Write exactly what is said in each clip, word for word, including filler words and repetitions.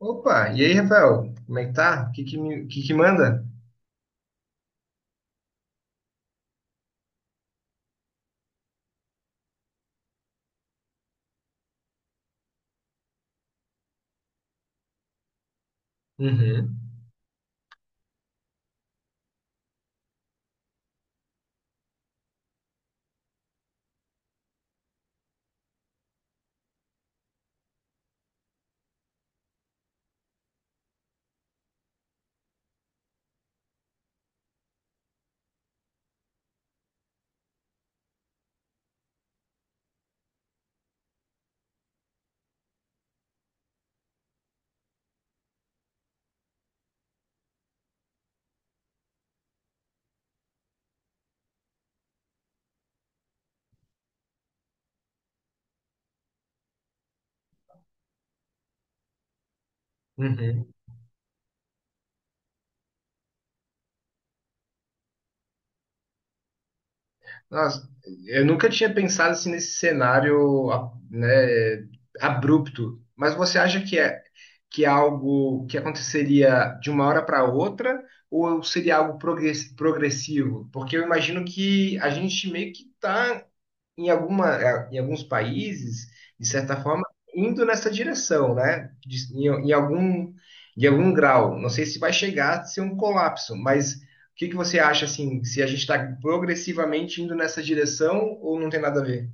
Opa, e aí, Rafael? Como é que tá? O que que, me- o que que manda? Uhum, uhum. Nossa, eu nunca tinha pensado assim nesse cenário, a- né, abrupto. Mas você acha que é que é algo que aconteceria de uma hora para outra ou seria algo progress- progressivo? Porque eu imagino que a gente meio que tá em alguma, eh, em alguns países, de certa forma, indo nessa direção, né? De, em, em algum, de algum grau. Não sei se vai chegar a ser um colapso, mas o que que você acha, assim, se a gente está progressivamente indo nessa direção ou não tem nada a ver?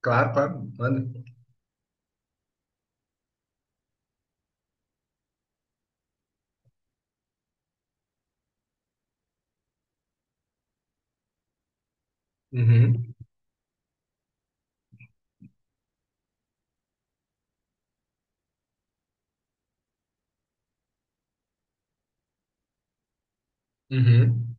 Claro, claro, manda. Uhum, uhum.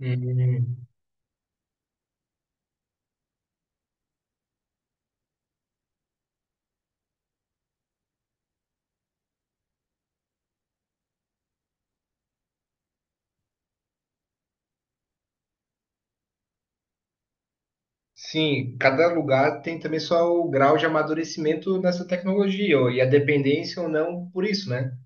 Hum. Sim, cada lugar tem também só o grau de amadurecimento nessa tecnologia, ou- e a dependência ou não por isso, né?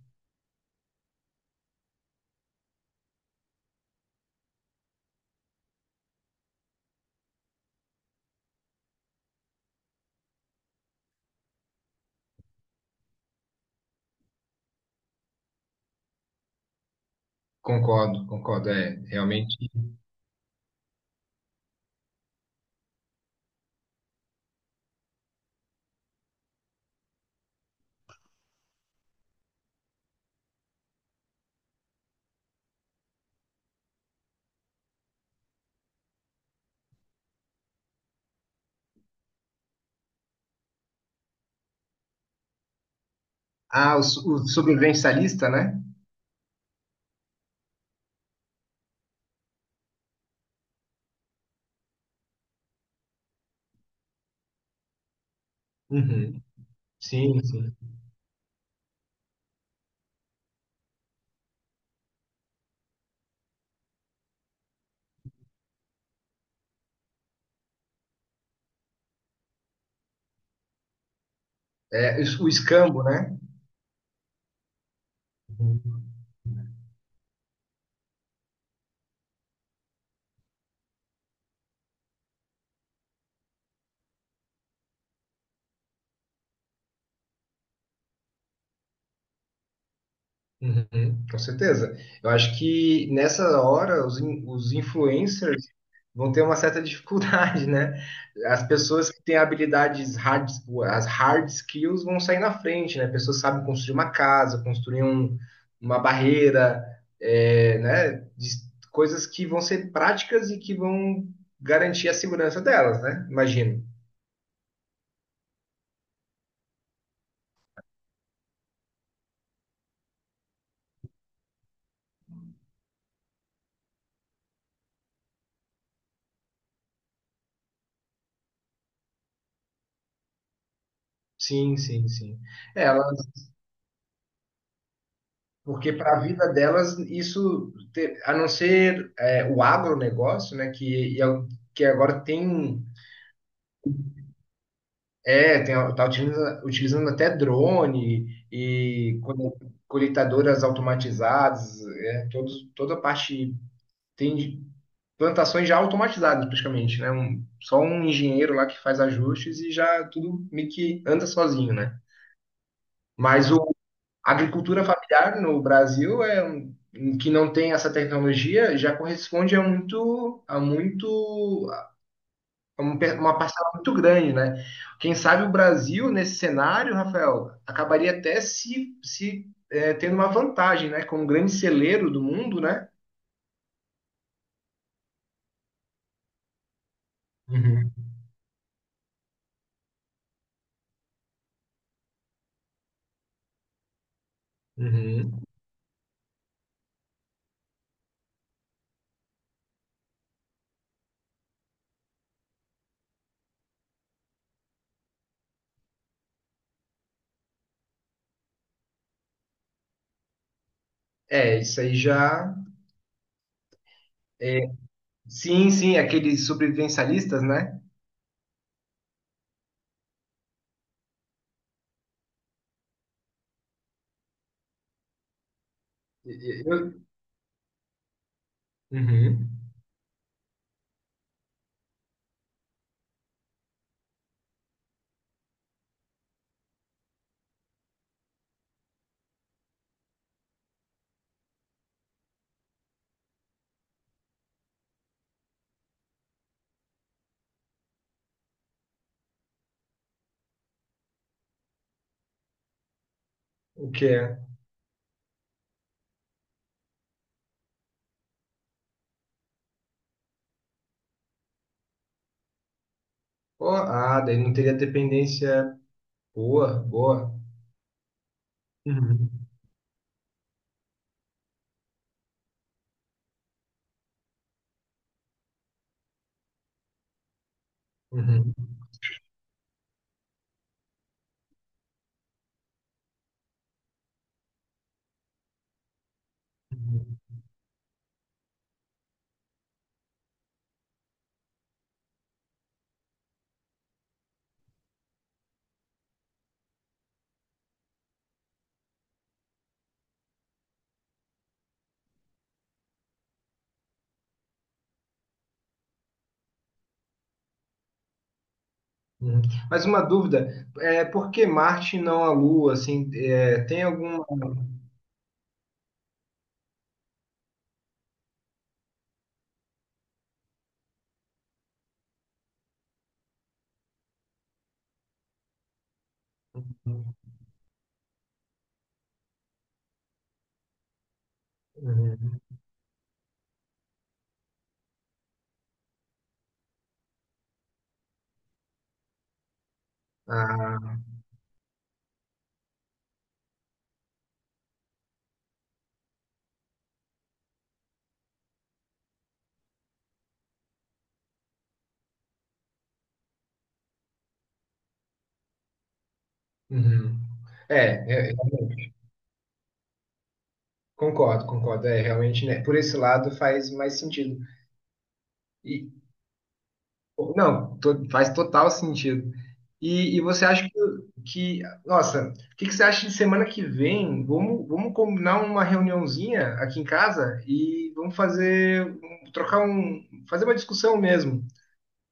Concordo, concordo, é realmente. Ah, o, so- o sobrevivencialista, né? Uhum. Sim, sim. É, o o escambo, né? Uhum. Uhum. Com certeza. Eu acho que nessa hora os, in- os influencers vão ter uma certa dificuldade, né? As pessoas que têm habilidades hard, as hard skills vão sair na frente, né? Pessoas que sabem construir uma casa, construir um- uma barreira, é, né? De- coisas que vão ser práticas e que vão garantir a segurança delas, né? Imagino. Sim, sim, sim. É, elas, porque para a vida delas, isso, te- a não ser é, o agronegócio, né, que, e é o- que agora tem, é, tem, a- tá utilizando, utilizando até drone e col- colheitadoras automatizadas, é, todos, toda a parte, tem de- plantações já automatizadas praticamente, né, um- só um engenheiro lá que faz ajustes e já tudo meio que anda sozinho, né. Mas a agricultura familiar no Brasil é um- um que não tem essa tecnologia já corresponde a muito a muito a um pe- uma parcela muito grande, né? Quem sabe o Brasil nesse cenário, Rafael, acabaria até se, se eh, tendo uma vantagem, né? Como grande celeiro do mundo, né? Uhum, uhum. É, isso aí já. É, sim, sim, aqueles sobrevivencialistas, né? E- e- eu- Uhum. O que é? Pô, ah, daí não teria dependência. Boa, boa. Uhum, uhum, uhum, uhum. Mas uma dúvida, é, por que Marte e não a Lua? Assim, é, tem alguma. Uhum. Ah, uhum. É, é, realmente, concordo, concordo. É, realmente, né, por esse lado faz mais sentido. Não, to- faz total sentido. E, e você acha que, que- nossa, o que, que você acha de semana que vem? Vamos, vamos combinar uma reuniãozinha aqui em casa e vamos fazer, um- trocar um, fazer uma discussão mesmo. O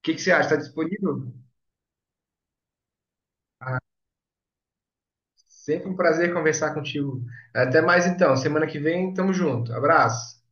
que, que você acha? Está disponível? Sempre um prazer conversar contigo. Até mais então, semana que vem, tamo junto. Abraço.